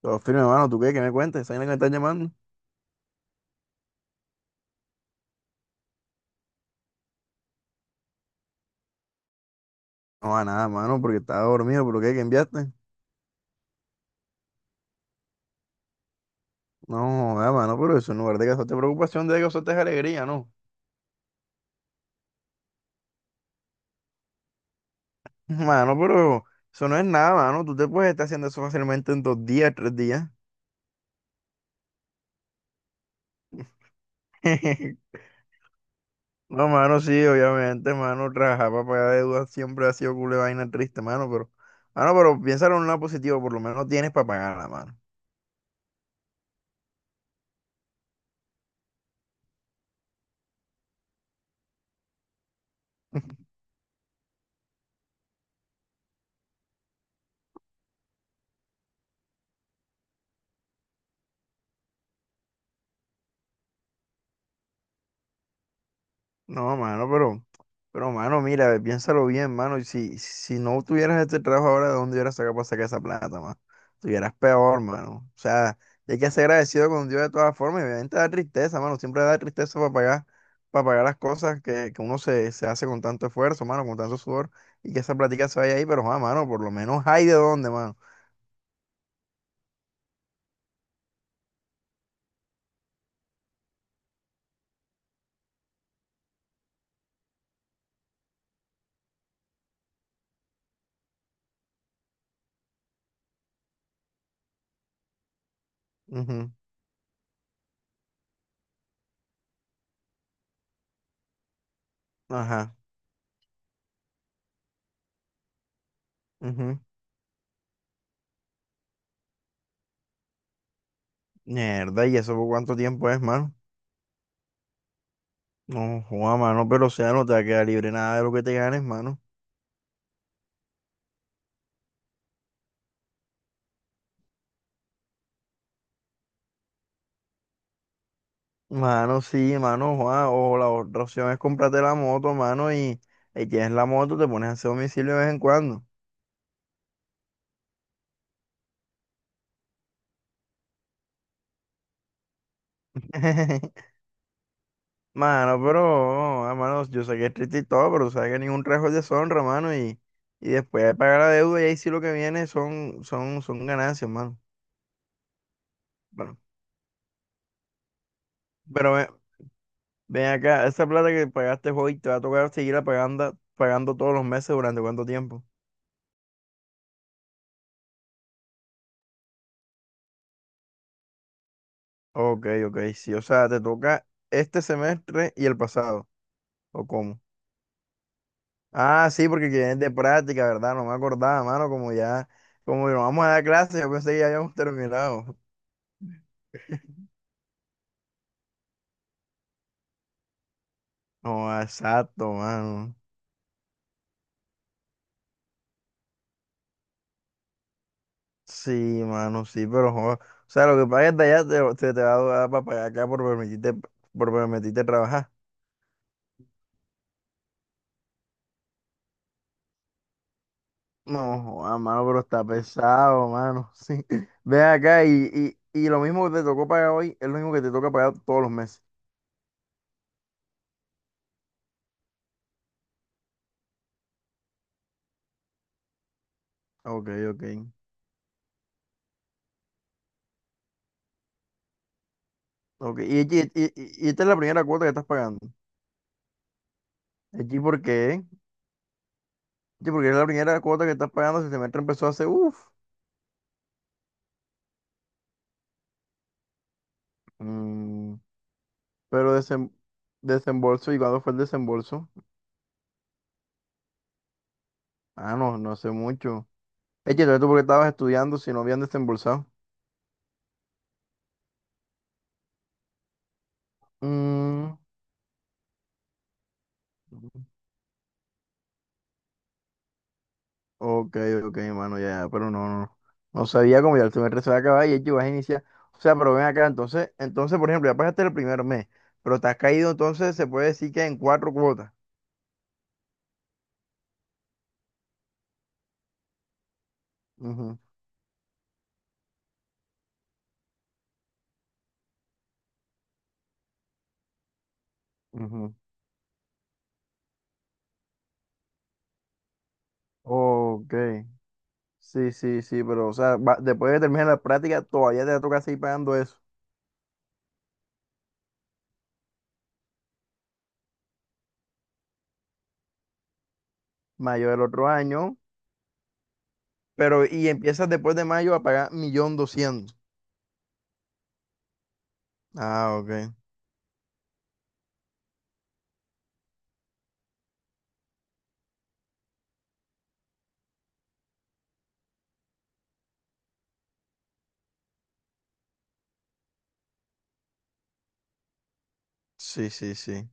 Todo firme, mano. ¿Tú qué? ¿Qué me cuentes? ¿Sabes a qué me estás llamando? No, a nada, mano, porque estaba dormido. ¿Pero qué? ¿Qué enviaste? No, joda, mano, pero eso en lugar de causarte preocupación, de causarte alegría, ¿no? Mano, pero eso no es nada, mano. Tú te puedes estar haciendo eso fácilmente en dos días, tres días. No, mano, sí, obviamente, mano. Trabajar para pagar deudas siempre ha sido culo de vaina triste, mano, pero. Mano, pero piénsalo en un lado positivo. Por lo menos tienes para pagarla, mano. No, mano, pero. Pero, mano, mira, piénsalo bien, mano. Y si no tuvieras este trabajo ahora, ¿de dónde hubieras sacado para sacar esa plata, mano? Estuvieras peor, mano. O sea, y hay que ser agradecido con Dios de todas formas. Y obviamente da tristeza, mano. Siempre da tristeza para pagar las cosas que uno se hace con tanto esfuerzo, mano, con tanto sudor. Y que esa platica se vaya ahí, pero, ah, mano, por lo menos hay de dónde, mano. Ujú. Ajá. Ujú. Mierda, ¿y eso por cuánto tiempo es, mano? No, joda, mano, pero o sea, no te va a quedar libre nada de lo que te ganes, mano. Mano, sí, mano, Juan, o la otra opción es comprarte la moto, mano, y tienes la moto, te pones a hacer domicilio de vez en cuando. Mano, pero, ah, mano, yo sé que es triste y todo, pero sabes que ningún trabajo es deshonra, mano, y después de pagar la deuda, y ahí sí lo que viene son, son ganancias, mano. Bueno, pero ven, acá, esa plata que pagaste hoy te va a tocar seguirla pagando, pagando todos los meses durante cuánto tiempo. Ok, ok, sí, o sea, te toca este semestre y el pasado, ¿o cómo? Ah, sí, porque es de práctica, ¿verdad? No me acordaba, mano, como ya, como no vamos a dar clases, yo pensé que ya habíamos terminado. No, exacto, mano. Sí, mano, sí, pero, o sea, lo que pagues de allá te va a dar para pagar acá por permitirte trabajar. No, joda, mano, pero está pesado, mano, sí. Ven acá y lo mismo que te tocó pagar hoy es lo mismo que te toca pagar todos los meses. Ok, ok. Ok, y esta es la primera cuota que estás pagando. ¿Aquí por qué? Sí, porque es la primera cuota que estás pagando. Si el semestre empezó hace, uff. Mm, pero desembolso, ¿y cuándo fue el desembolso? Ah, no, no sé mucho. Es que entonces, tú porque estabas estudiando si no habían desembolsado. Mm, ok, ok, mano, ya, ya, pero no, no. No sabía cómo ya el semestre se va a acabar y es que vas a iniciar. O sea, pero ven acá, entonces, entonces, por ejemplo, ya pasaste el primer mes, pero te has caído, entonces se puede decir que en cuatro cuotas. Ujú, ujú. Ok. Sí, sí, sí, pero o sea, va- después de terminar la práctica todavía te toca seguir pagando eso, mayo del otro año, pero y empiezas después de mayo a pagar millón doscientos. Ah, ok. Sí, sí, sí.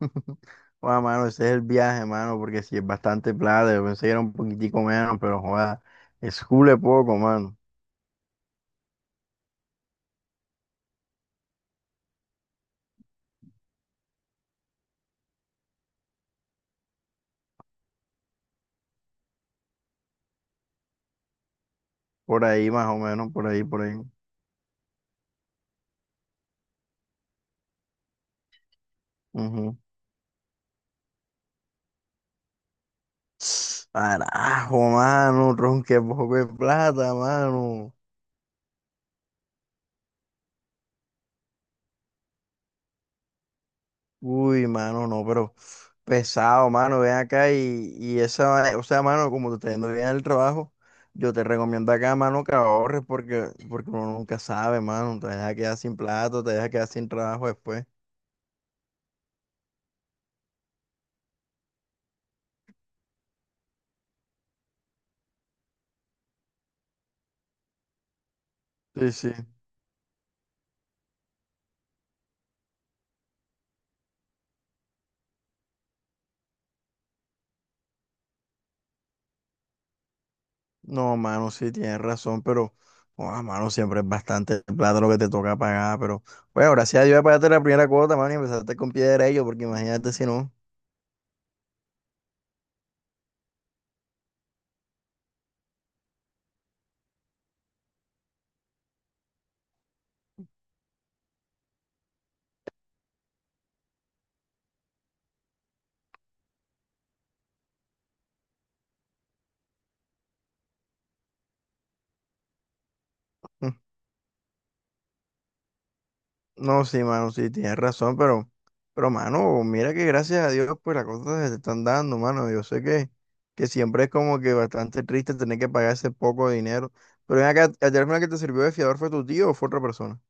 Bueno, mano, ese es el viaje, mano, porque si es bastante plata, yo pensé que era un poquitico menos, pero joda, es cule poco, mano. Por ahí más o menos, por ahí, por ahí. Ujú. Carajo, mano, tron, qué poco de plata, mano. Uy, mano, no, pero pesado, mano, ven acá y esa, va- o sea, mano, como te está yendo bien en el trabajo, yo te recomiendo acá, mano, que ahorres porque, uno nunca sabe, mano, te deja quedar sin plato, te deja quedar sin trabajo después. Sí, sí. No, mano, sí, tienes razón, pero, oh, mano, siempre es bastante plata lo que te toca pagar, pero, bueno, gracias a Dios ya pagaste la primera cuota, mano, y empezaste con pie derecho, porque imagínate si no. No, sí, mano, sí, tienes razón, pero, mano, mira que gracias a Dios, pues las cosas se te están dando, mano. Yo sé que siempre es como que bastante triste tener que pagar ese poco de dinero. Pero ven acá, ¿el teléfono que te sirvió de fiador fue tu tío o fue otra persona?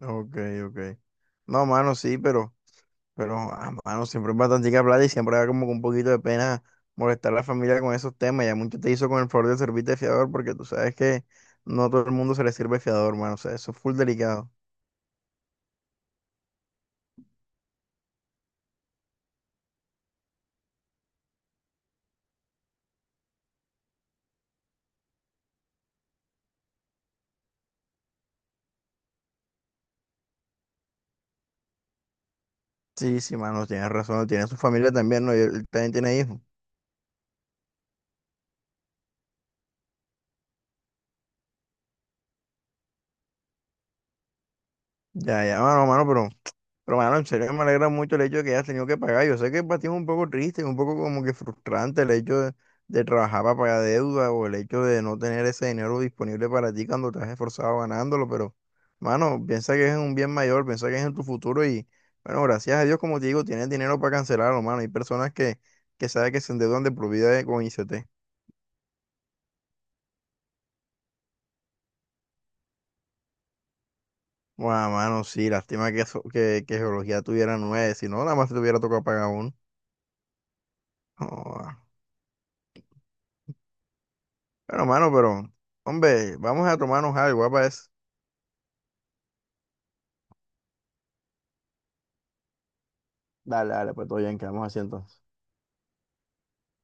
Ok, ok. No, mano, sí, pero, ah, mano, siempre es bastante plata y siempre da como que un poquito de pena molestar a la familia con esos temas. Ya mucho te hizo con el favor de servirte de fiador porque tú sabes que no a todo el mundo se le sirve fiador, mano. O sea, eso es full delicado. Sí, sí, mano, tienes razón, tiene su familia también, ¿no? Y él también tiene hijos. Ya, ya, mano, mano, pero, mano, en serio me alegra mucho el hecho de que hayas tenido que pagar. Yo sé que para ti es un poco triste, un poco como que frustrante el hecho de trabajar para pagar deuda o el hecho de no tener ese dinero disponible para ti cuando te has esforzado ganándolo, pero, mano, piensa que es un bien mayor, piensa que es en tu futuro y, bueno, gracias a Dios, como te digo, tienes dinero para cancelarlo, mano. Hay personas que saben que se endeudan de por vida con ICT. Bueno, mano, sí, lástima que, que geología tuviera nueve, si no, nada más te tuviera tocado pagar uno. Joda. Bueno, mano, pero, hombre, vamos a tomarnos algo, ¿va? ¿Pa' eso? Dale, dale, pues todo bien, quedamos así entonces.